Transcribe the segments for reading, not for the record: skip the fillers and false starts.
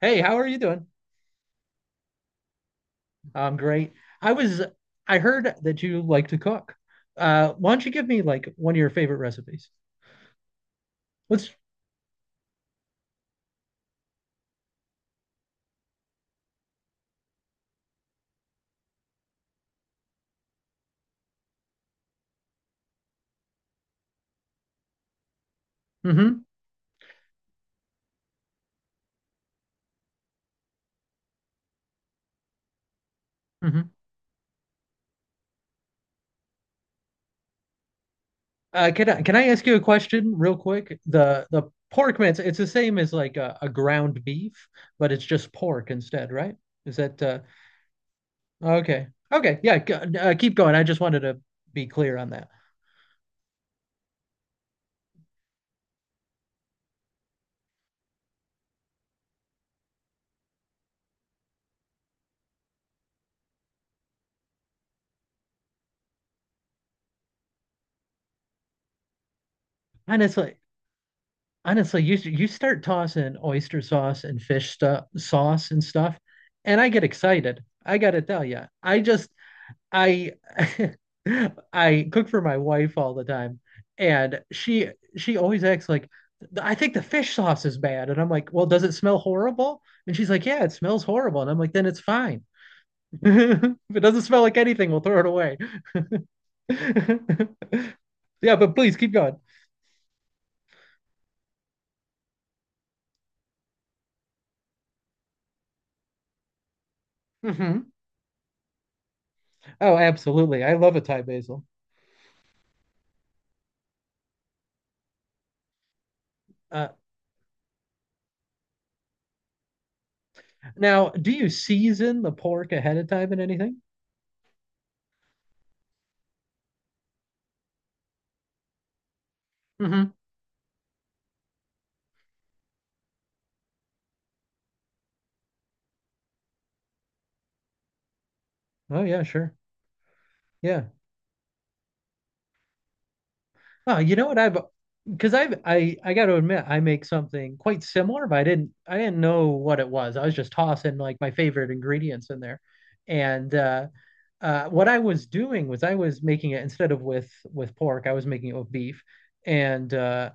Hey, how are you doing? I'm great. I was I heard that you like to cook. Why don't you give me like one of your favorite recipes? What's Mm-hmm, mm-hmm. Can I ask you a question real quick? The pork mince, it's the same as like a ground beef, but it's just pork instead, right? Is that Okay. Okay. Yeah. Keep going. I just wanted to be clear on that. Honestly, honestly, you start tossing oyster sauce and fish stuff, sauce and stuff, and I get excited. I gotta tell you, I just I I cook for my wife all the time, and she always acts like I think the fish sauce is bad, and I'm like, well, does it smell horrible? And she's like, yeah, it smells horrible, and I'm like, then it's fine. If it doesn't smell like anything, we'll throw it away. Yeah, but please keep going. Hmm. Oh, absolutely. I love a Thai basil. Uh, Now, do you season the pork ahead of time and anything? Hmm. Oh yeah, sure. Yeah. Oh, you know what I've because I got to admit I make something quite similar, but I didn't know what it was. I was just tossing like my favorite ingredients in there, and what I was doing was I was making it instead of with pork, I was making it with beef, and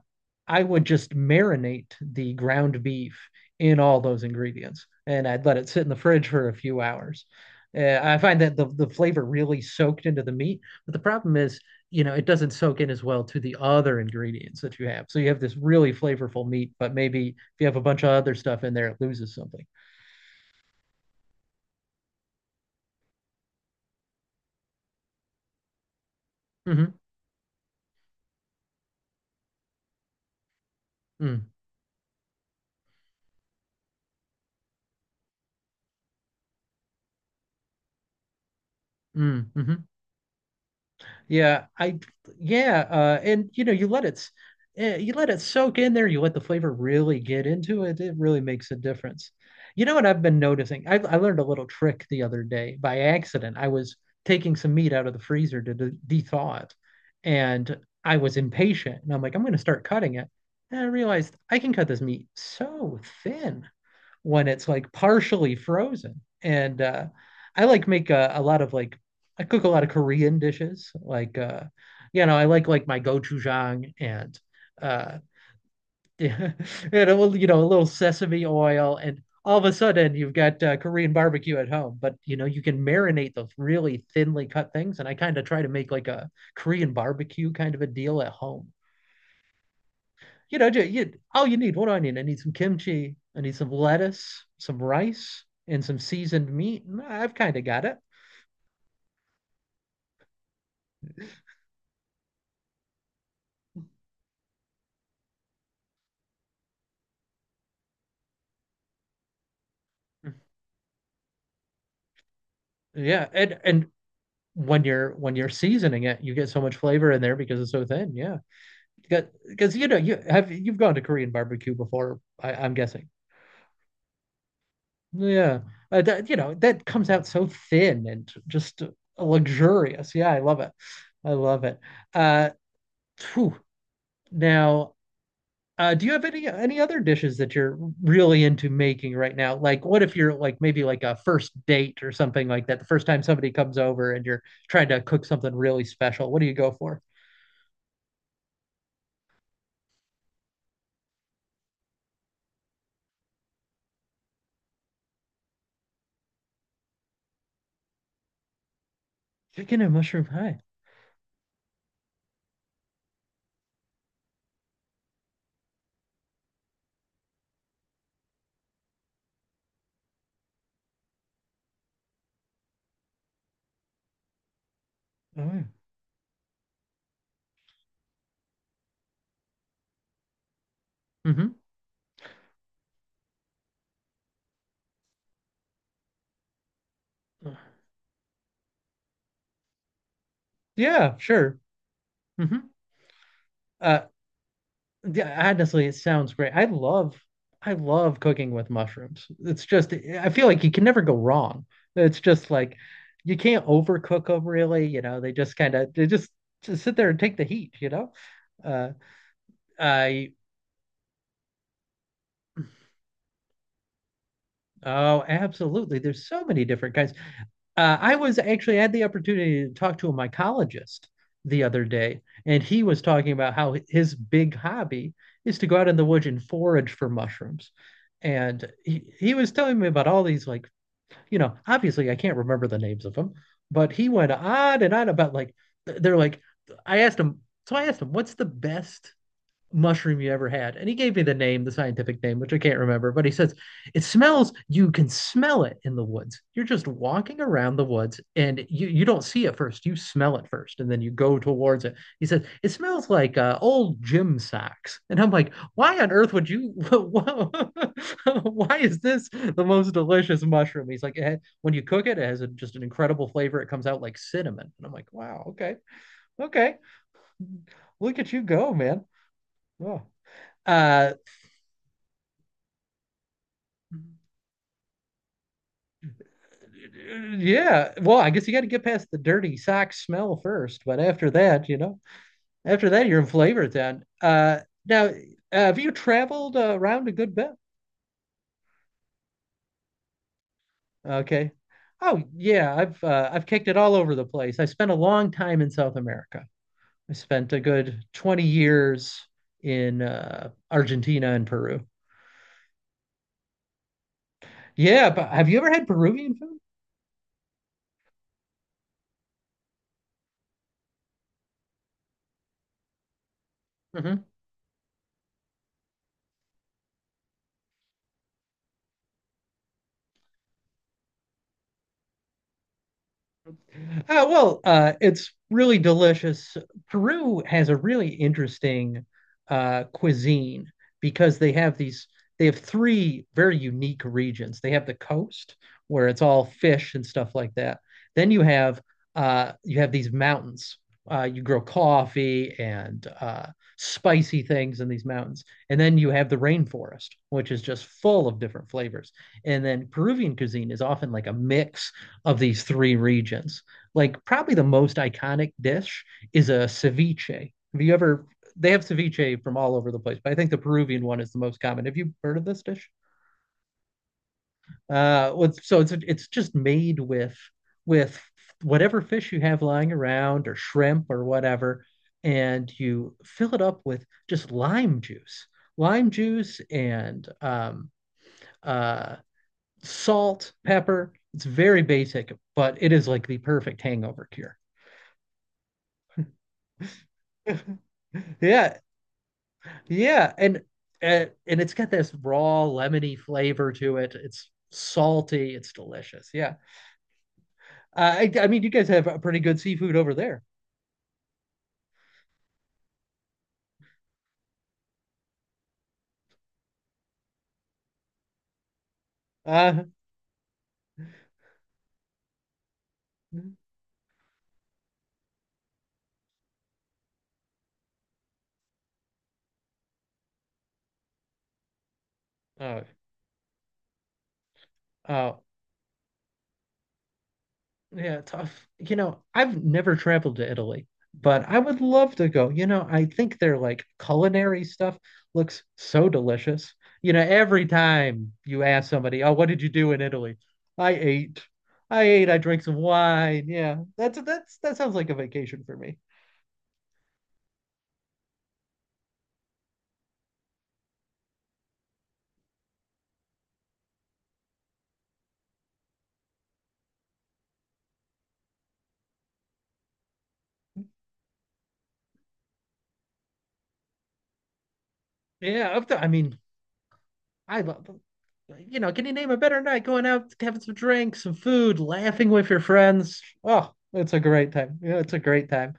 I would just marinate the ground beef in all those ingredients, and I'd let it sit in the fridge for a few hours. I find that the flavor really soaked into the meat, but the problem is, it doesn't soak in as well to the other ingredients that you have. So you have this really flavorful meat, but maybe if you have a bunch of other stuff in there, it loses something. Mm-hmm. Mm-hmm. Mm-hmm. Yeah, and you know, you let it soak in there. You let the flavor really get into it. It really makes a difference. You know what I've been noticing? I learned a little trick the other day by accident. I was taking some meat out of the freezer to thaw it, and I was impatient. And I'm like, I'm going to start cutting it. And I realized I can cut this meat so thin when it's like partially frozen. And I like make a lot of like I cook a lot of Korean dishes. Like I like my gochujang and uh, and a little sesame oil, and all of a sudden you've got Korean barbecue at home. But you know you can marinate those really thinly cut things, and I kind of try to make like a Korean barbecue kind of a deal at home. You know, you, all you need what do I need some kimchi. I need some lettuce, some rice, and some seasoned meat. I've kind of got it. Yeah, and when you're seasoning it, you get so much flavor in there because it's so thin. Yeah, because you know you've gone to Korean barbecue before. I'm guessing. Yeah, you know that comes out so thin and just luxurious. Yeah, I love it. I love it. Uh, Phew. Now, do you have any other dishes that you're really into making right now? Like, what if you're like maybe like a first date or something like that? The first time somebody comes over and you're trying to cook something really special, what do you go for? Chicken and mushroom pie. Oh, yeah. Mm-hmm. Yeah, sure. Mm-hmm. Uh, yeah, honestly, it sounds great. I love cooking with mushrooms. It's just I feel like you can never go wrong. It's just like you can't overcook them really, you know. They just sit there and take the heat, you know. Uh I Oh, absolutely. There's so many different kinds. I was actually had the opportunity to talk to a mycologist the other day, and he was talking about how his big hobby is to go out in the woods and forage for mushrooms. And he was telling me about all these, like, you know, obviously I can't remember the names of them, but he went on and on about like, they're like, I asked him, what's the best mushroom you ever had. And he gave me the name, the scientific name, which I can't remember, but he says, it smells, you can smell it in the woods. You're just walking around the woods and you don't see it first. You smell it first and then you go towards it. He says, it smells like old gym socks. And I'm like, why on earth would you, why is this the most delicious mushroom? He's like, when you cook it, it has a, just an incredible flavor. It comes out like cinnamon. And I'm like, wow, okay, okay. Look at you go, man. Oh. Uh, Yeah. Well, I guess you got to get past the dirty sock smell first, but after that, you know, after that, you're in flavor town. Now, have you traveled around a good bit? Okay. Oh yeah, I've kicked it all over the place. I spent a long time in South America. I spent a good 20 years in Argentina and Peru. Yeah, but have you ever had Peruvian food? Mhm. Well, it's really delicious. Peru has a really interesting cuisine because they have three very unique regions. They have the coast where it's all fish and stuff like that. Then you have these mountains. You grow coffee and spicy things in these mountains. And then you have the rainforest, which is just full of different flavors. And then Peruvian cuisine is often like a mix of these three regions, like probably the most iconic dish is a ceviche. Have you ever? They have ceviche from all over the place, but I think the Peruvian one is the most common. Have you heard of this dish? So it's just made with with whatever fish you have lying around or shrimp or whatever, and you fill it up with just lime juice, and uh, salt, pepper. It's very basic, but it is like the perfect hangover cure. Yeah, yeah, and it's got this raw lemony flavor to it. It's salty. It's delicious. Yeah, I mean, you guys have a pretty good seafood over there. Uh, oh, oh, yeah, tough. You know, I've never traveled to Italy, but I would love to go. You know, I think their like culinary stuff looks so delicious. You know, every time you ask somebody, "Oh, what did you do in Italy?" I ate. I ate, I drank some wine. Yeah. That sounds like a vacation for me. Yeah, I mean, I love you know, can you name a better night going out, having some drinks, some food, laughing with your friends? Oh, it's a great time. Yeah, it's a great time.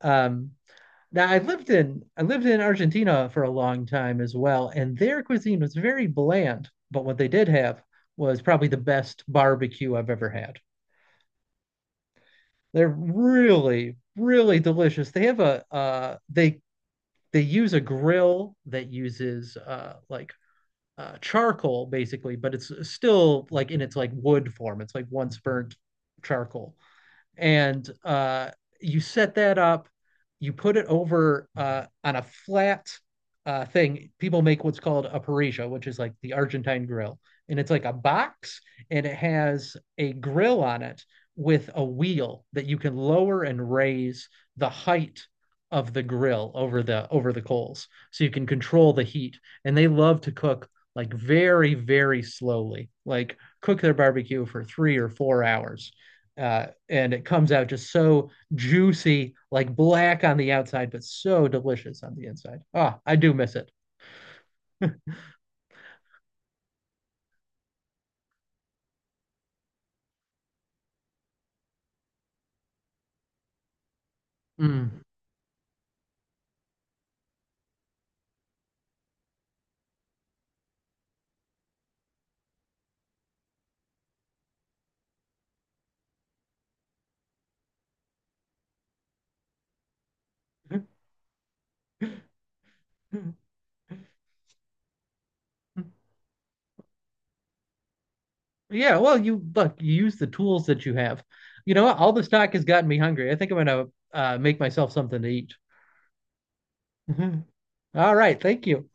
Um, Now I lived in Argentina for a long time as well, and their cuisine was very bland, but what they did have was probably the best barbecue I've ever had. They're really, really delicious. They use a grill that uses like charcoal basically, but it's still like in its like wood form. It's like once burnt charcoal. And you set that up. You put it over on a flat thing. People make what's called a parrilla, which is like the Argentine grill, and it's like a box, and it has a grill on it with a wheel that you can lower and raise the height of the grill over the coals, so you can control the heat, and they love to cook like very very slowly, like cook their barbecue for 3 or 4 hours, and it comes out just so juicy, like black on the outside, but so delicious on the inside. Ah, oh, I do miss it. Mm. Yeah, well, you look, you use the tools that you have. You know, all this talk has gotten me hungry. I think I'm gonna make myself something to eat. All right, thank you.